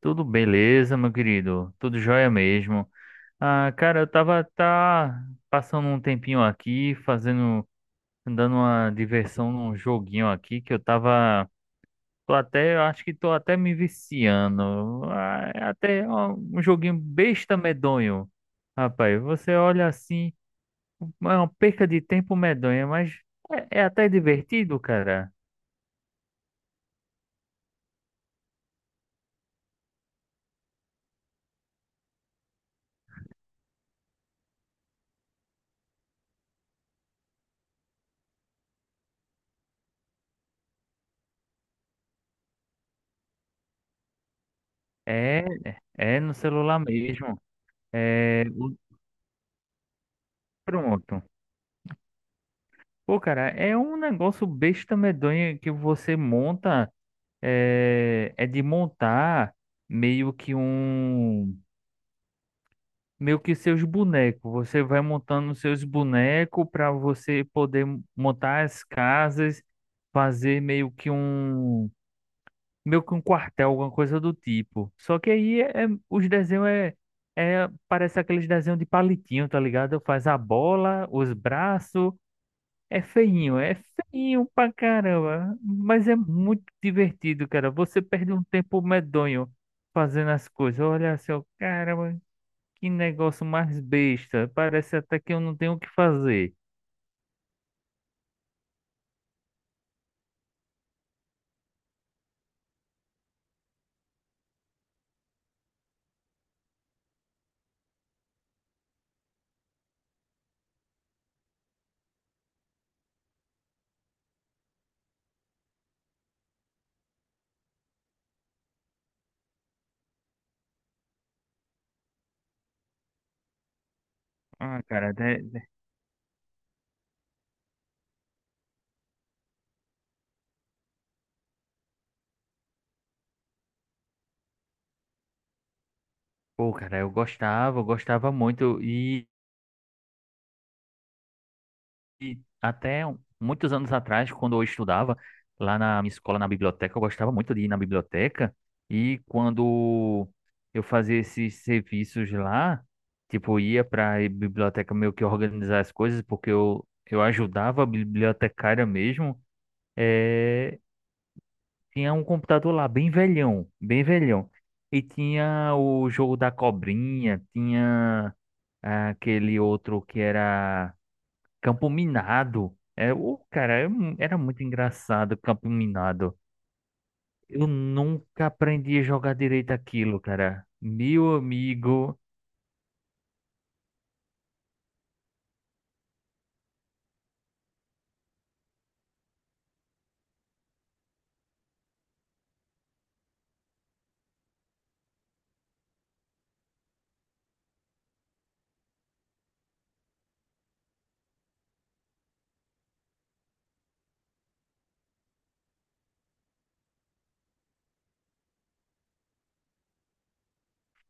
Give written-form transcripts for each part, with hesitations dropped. Tudo beleza, meu querido? Tudo jóia mesmo. Ah, cara, eu tava passando um tempinho aqui, fazendo, dando uma diversão num joguinho aqui que tô até, eu acho que tô até me viciando. Ah, é até ó, um joguinho besta medonho. Rapaz, você olha assim, é uma perca de tempo medonha, mas é até divertido, cara. É, é no celular mesmo. É, o- pronto. Pô, cara, é um negócio besta medonha que você monta, é de montar meio que um, meio que seus bonecos. Você vai montando seus bonecos para você poder montar as casas, fazer meio que um quartel, alguma coisa do tipo. Só que aí os desenhos é, parece aqueles desenhos de palitinho, tá ligado? Faz a bola, os braços. É feinho pra caramba, mas é muito divertido, cara. Você perde um tempo medonho fazendo as coisas. Olha assim, ó, caramba, que negócio mais besta. Parece até que eu não tenho o que fazer. Ah, cara, né. Pô, cara, eu gostava muito e até muitos anos atrás, quando eu estudava lá na minha escola, na biblioteca, eu gostava muito de ir na biblioteca. E quando eu fazia esses serviços lá, tipo, ia para a biblioteca meio que organizar as coisas, porque eu ajudava a bibliotecária mesmo. eh, Tinha um computador lá, bem velhão. E tinha o jogo da cobrinha, tinha ah, aquele outro que era. Campo Minado. É, o cara, é era muito engraçado, Campo Minado. Eu nunca aprendi a jogar direito aquilo, cara. Meu amigo,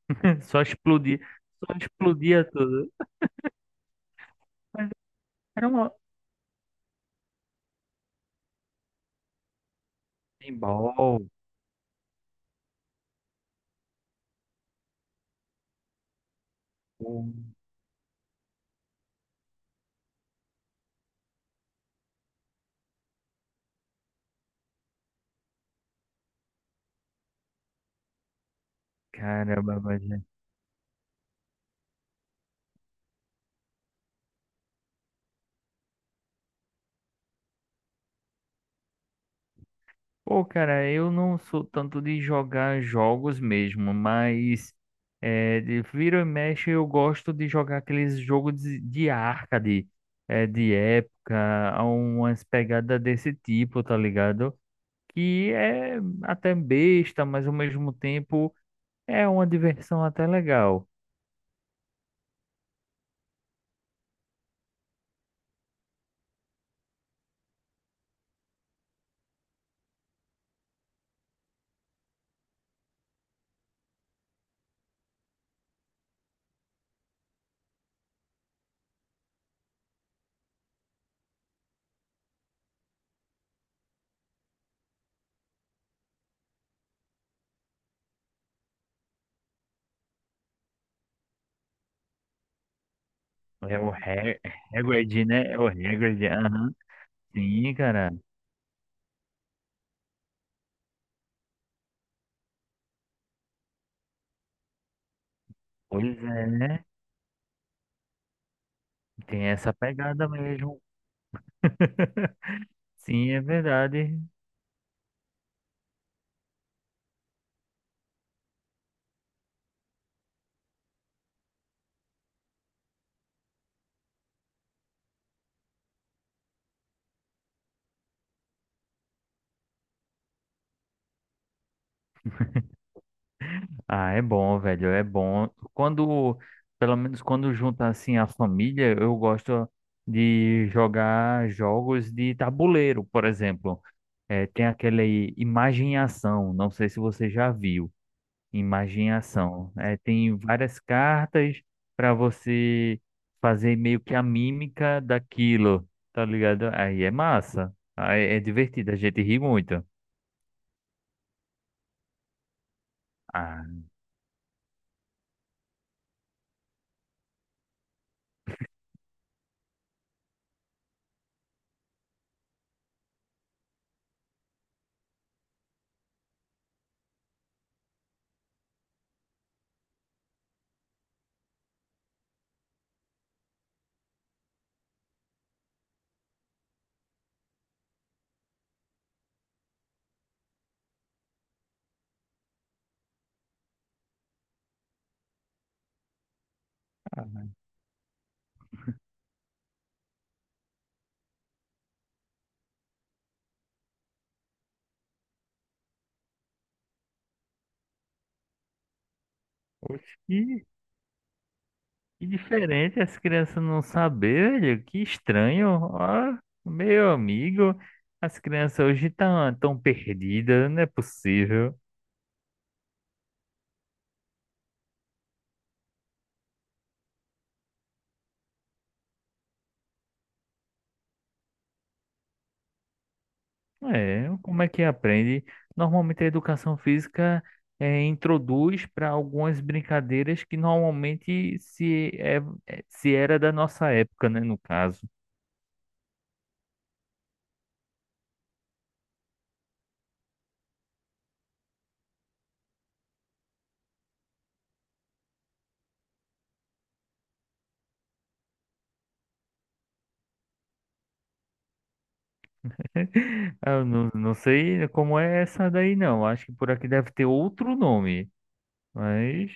só explodia, só explodia tudo. Mas era uma pinball, um- caramba. Pô, cara, eu não sou tanto de jogar jogos mesmo, mas é, de vira e mexe eu gosto de jogar aqueles jogos de arcade, é, de época, há umas pegadas desse tipo, tá ligado? Que é até besta, mas ao mesmo tempo é uma diversão até legal. É o Hagrid, né? É o Hagrid, aham. Sim, cara. Pois é, né? Tem essa pegada mesmo. Sim, é verdade. Ah, é bom, velho, é bom. Quando, pelo menos quando junta assim a família, eu gosto de jogar jogos de tabuleiro, por exemplo. É, tem aquele Imagem e Ação, não sei se você já viu, Imagem e Ação. É, tem várias cartas para você fazer meio que a mímica daquilo, tá ligado? Aí é massa, aí é divertido, a gente ri muito. Ah. Ah, que diferente as crianças não saber, velho. Que estranho. Ó, meu amigo, as crianças hoje estão tão tão perdidas, não é possível. É, como é que aprende? Normalmente a educação física é, introduz para algumas brincadeiras que normalmente se, é, é- se era da nossa época, né, no caso. Eu não sei como é essa daí, não. Acho que por aqui deve ter outro nome, mas.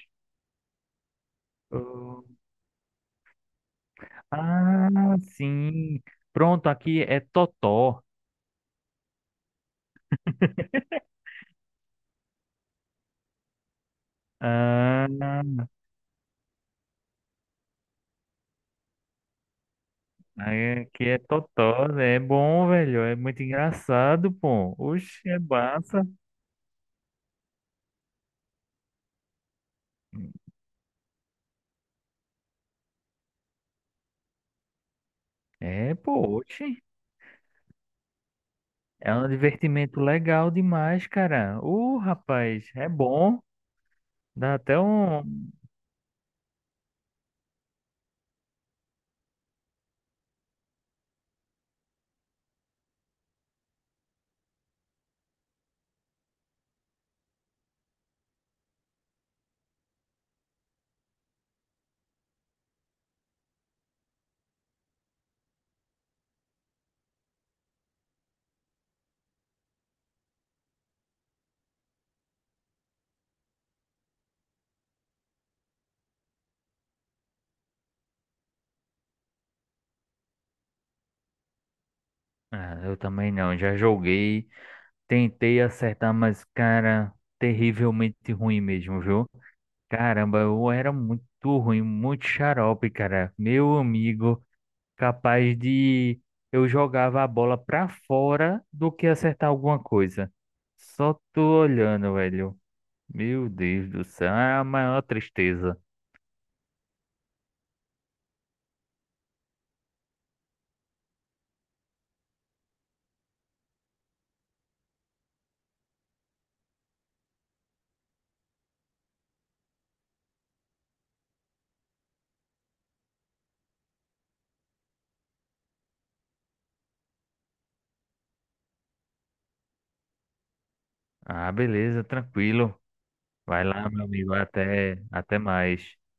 Ah, sim. Pronto, aqui é Totó. Ah, aqui é Totó, né? É bom, velho. É muito engraçado, pô. Oxe, é massa. É, pô, oxe. É um divertimento legal demais, cara. Ô, rapaz, é bom. Dá até um. Ah, eu também não. Já joguei. Tentei acertar, mas, cara, terrivelmente ruim mesmo, viu? Caramba, eu era muito ruim, muito xarope, cara. Meu amigo. Capaz de eu jogava a bola pra fora do que acertar alguma coisa. Só tô olhando, velho. Meu Deus do céu, é a maior tristeza. Ah, beleza, tranquilo. Vai lá, meu amigo, até mais.